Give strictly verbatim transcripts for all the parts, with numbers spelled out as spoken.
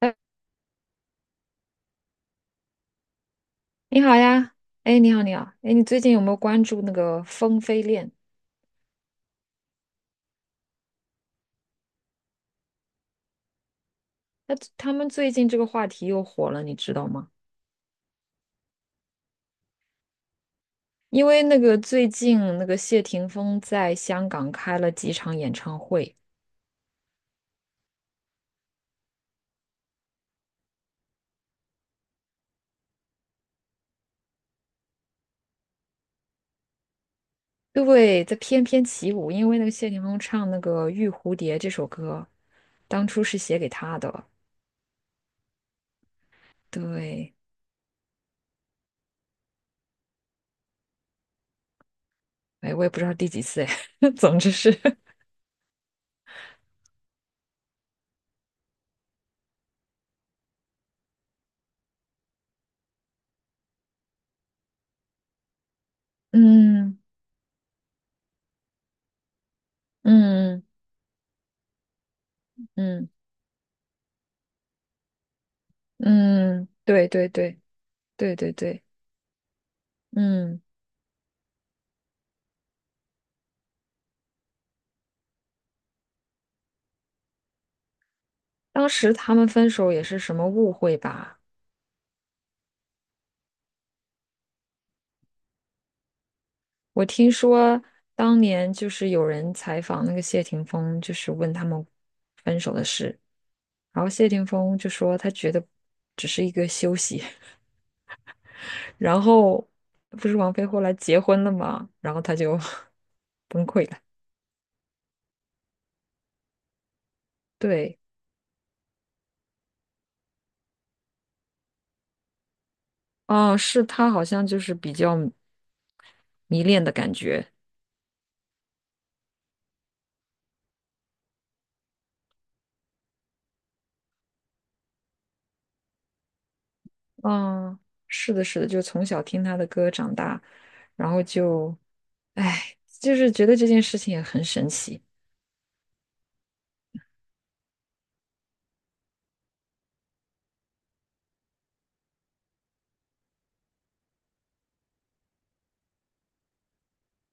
哎，你好呀，哎，你好，你好，哎，你最近有没有关注那个风飞恋？那他们最近这个话题又火了，你知道吗？因为那个最近那个谢霆锋在香港开了几场演唱会，对，在翩翩起舞。因为那个谢霆锋唱那个《玉蝴蝶》这首歌，当初是写给他的。对，哎，我也不知道第几次，哎，总之是，嗯嗯嗯嗯，对对对对对对，嗯。当时他们分手也是什么误会吧？我听说当年就是有人采访那个谢霆锋，就是问他们分手的事，然后谢霆锋就说他觉得只是一个休息，然后不是王菲后来结婚了嘛，然后他就 崩溃了。对，哦，是他好像就是比较迷恋的感觉，嗯，是的，是的，就从小听他的歌长大，然后就，哎，就是觉得这件事情也很神奇。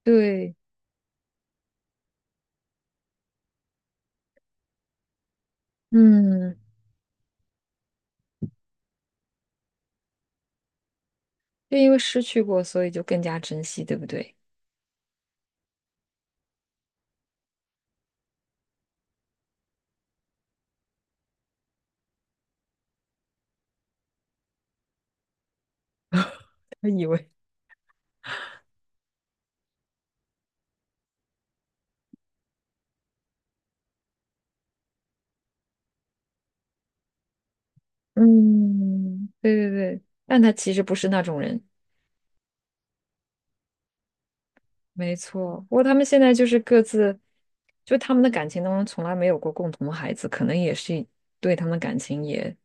对，嗯，就因为失去过，所以就更加珍惜，对不对？他以为，嗯，对对对，但他其实不是那种人，没错。不过他们现在就是各自，就他们的感情当中从来没有过共同的孩子，可能也是对他们的感情也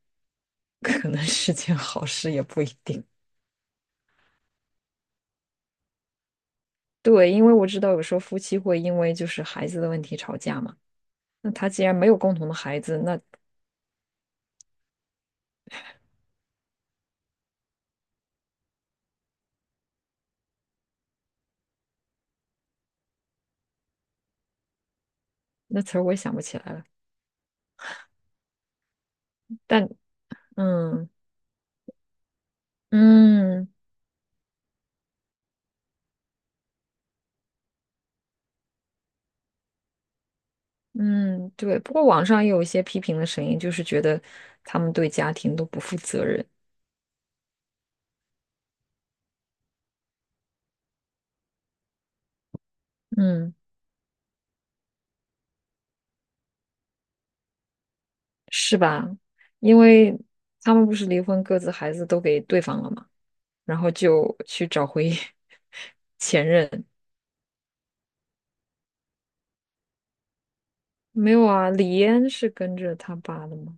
可能是件好事，也不一定。对，因为我知道有时候夫妻会因为就是孩子的问题吵架嘛。那他既然没有共同的孩子，那那词儿我也想不起来了。但嗯嗯嗯，对。不过网上也有一些批评的声音，就是觉得他们对家庭都不负责任。嗯，是吧？因为他们不是离婚，各自孩子都给对方了嘛，然后就去找回 前任。没有啊，李嫣是跟着他爸的吗？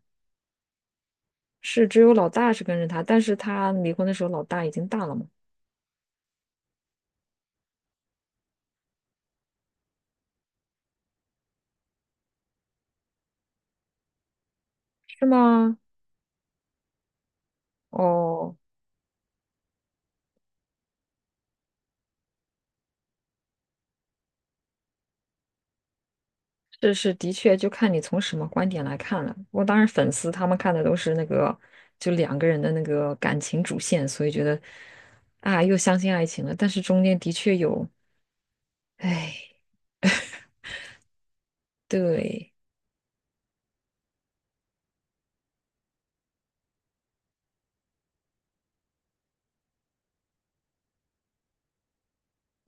是只有老大是跟着他，但是他离婚的时候老大已经大了嘛？是吗？哦，是是，的确，就看你从什么观点来看了。我当然粉丝他们看的都是那个，就两个人的那个感情主线，所以觉得啊，又相信爱情了。但是中间的确有，哎，对，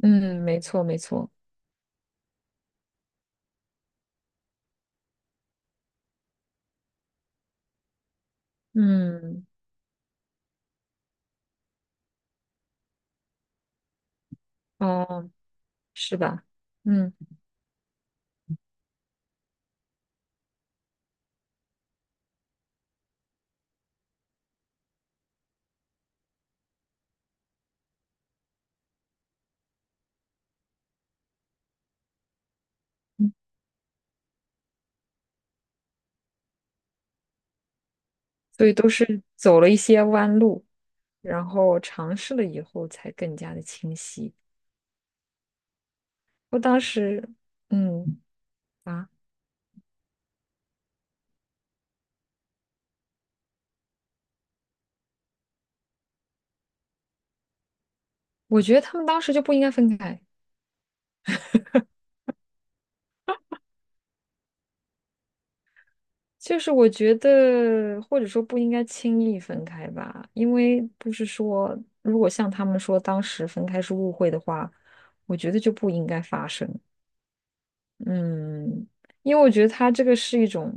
嗯，没错没错，嗯，哦，是吧？嗯，所以都是走了一些弯路，然后尝试了以后才更加的清晰。我当时，嗯啊，我觉得他们当时就不应该分开，就是我觉得或者说不应该轻易分开吧，因为不是说如果像他们说当时分开是误会的话，我觉得就不应该发生。嗯，因为我觉得他这个是一种，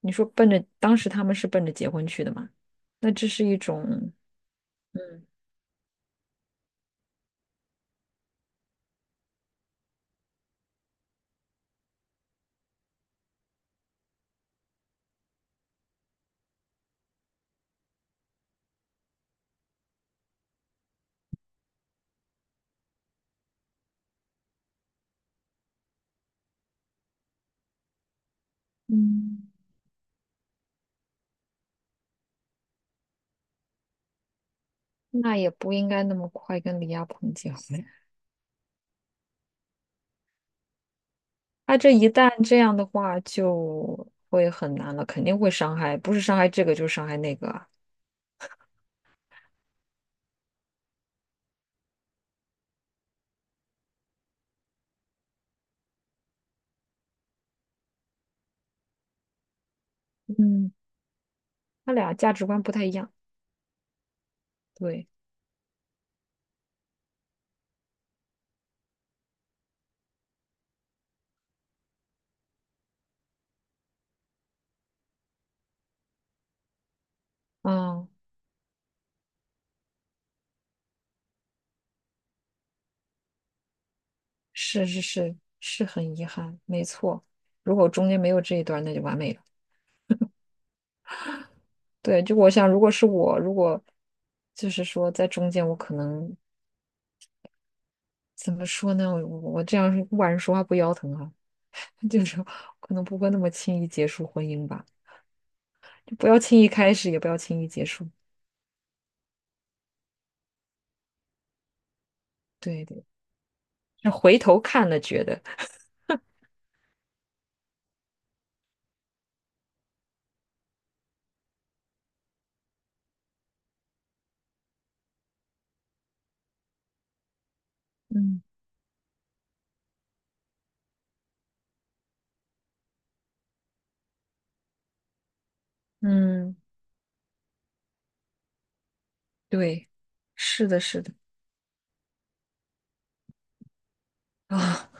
你说奔着当时他们是奔着结婚去的嘛，那这是一种，嗯嗯，那也不应该那么快跟李亚鹏结婚。他这一旦这样的话，就会很难了，肯定会伤害，不是伤害这个就是伤害那个啊。嗯，他俩价值观不太一样。对，嗯，是是是，是很遗憾，没错。如果中间没有这一段，那就完美了。对，就我想，如果是我，如果就是说在中间，我可能怎么说呢？我我这样晚上说话不腰疼啊，就是可能不会那么轻易结束婚姻吧，就不要轻易开始，也不要轻易结束。对对。那回头看了，觉得，嗯嗯，对，是的，是的，啊，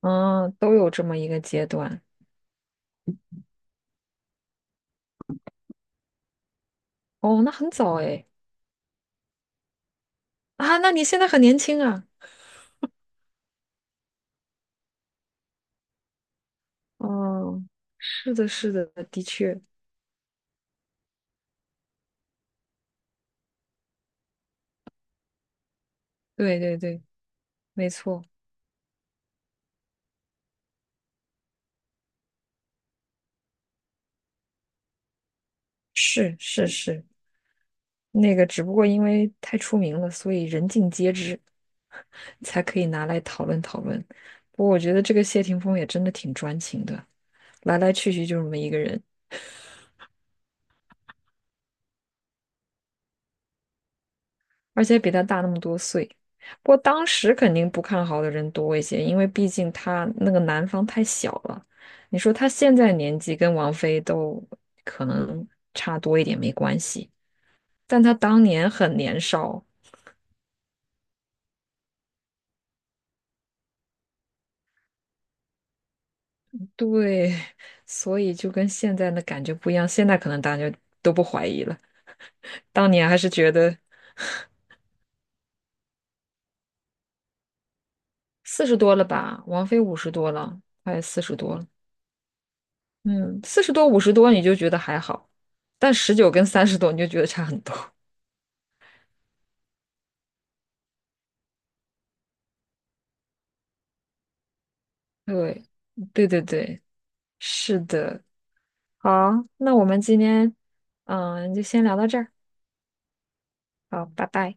啊，都有这么一个阶段。哦，那很早哎，啊，那你现在很年轻啊。哦，是的，是的，的确，对对对，没错，是是是，那个只不过因为太出名了，所以人尽皆知，才可以拿来讨论讨论。不过我觉得这个谢霆锋也真的挺专情的，来来去去就这么一个人。而且比他大那么多岁。不过当时肯定不看好的人多一些，因为毕竟他那个男方太小了。你说他现在年纪跟王菲都可能差多一点没关系，但他当年很年少，对，所以就跟现在的感觉不一样。现在可能大家都不怀疑了，当年还是觉得四十多了吧，王菲五十多了，快四十多了，嗯，四十多五十多你就觉得还好，但十九跟三十多你就觉得差很多。对，对对对，是的。好，那我们今天嗯就先聊到这儿。好，拜拜。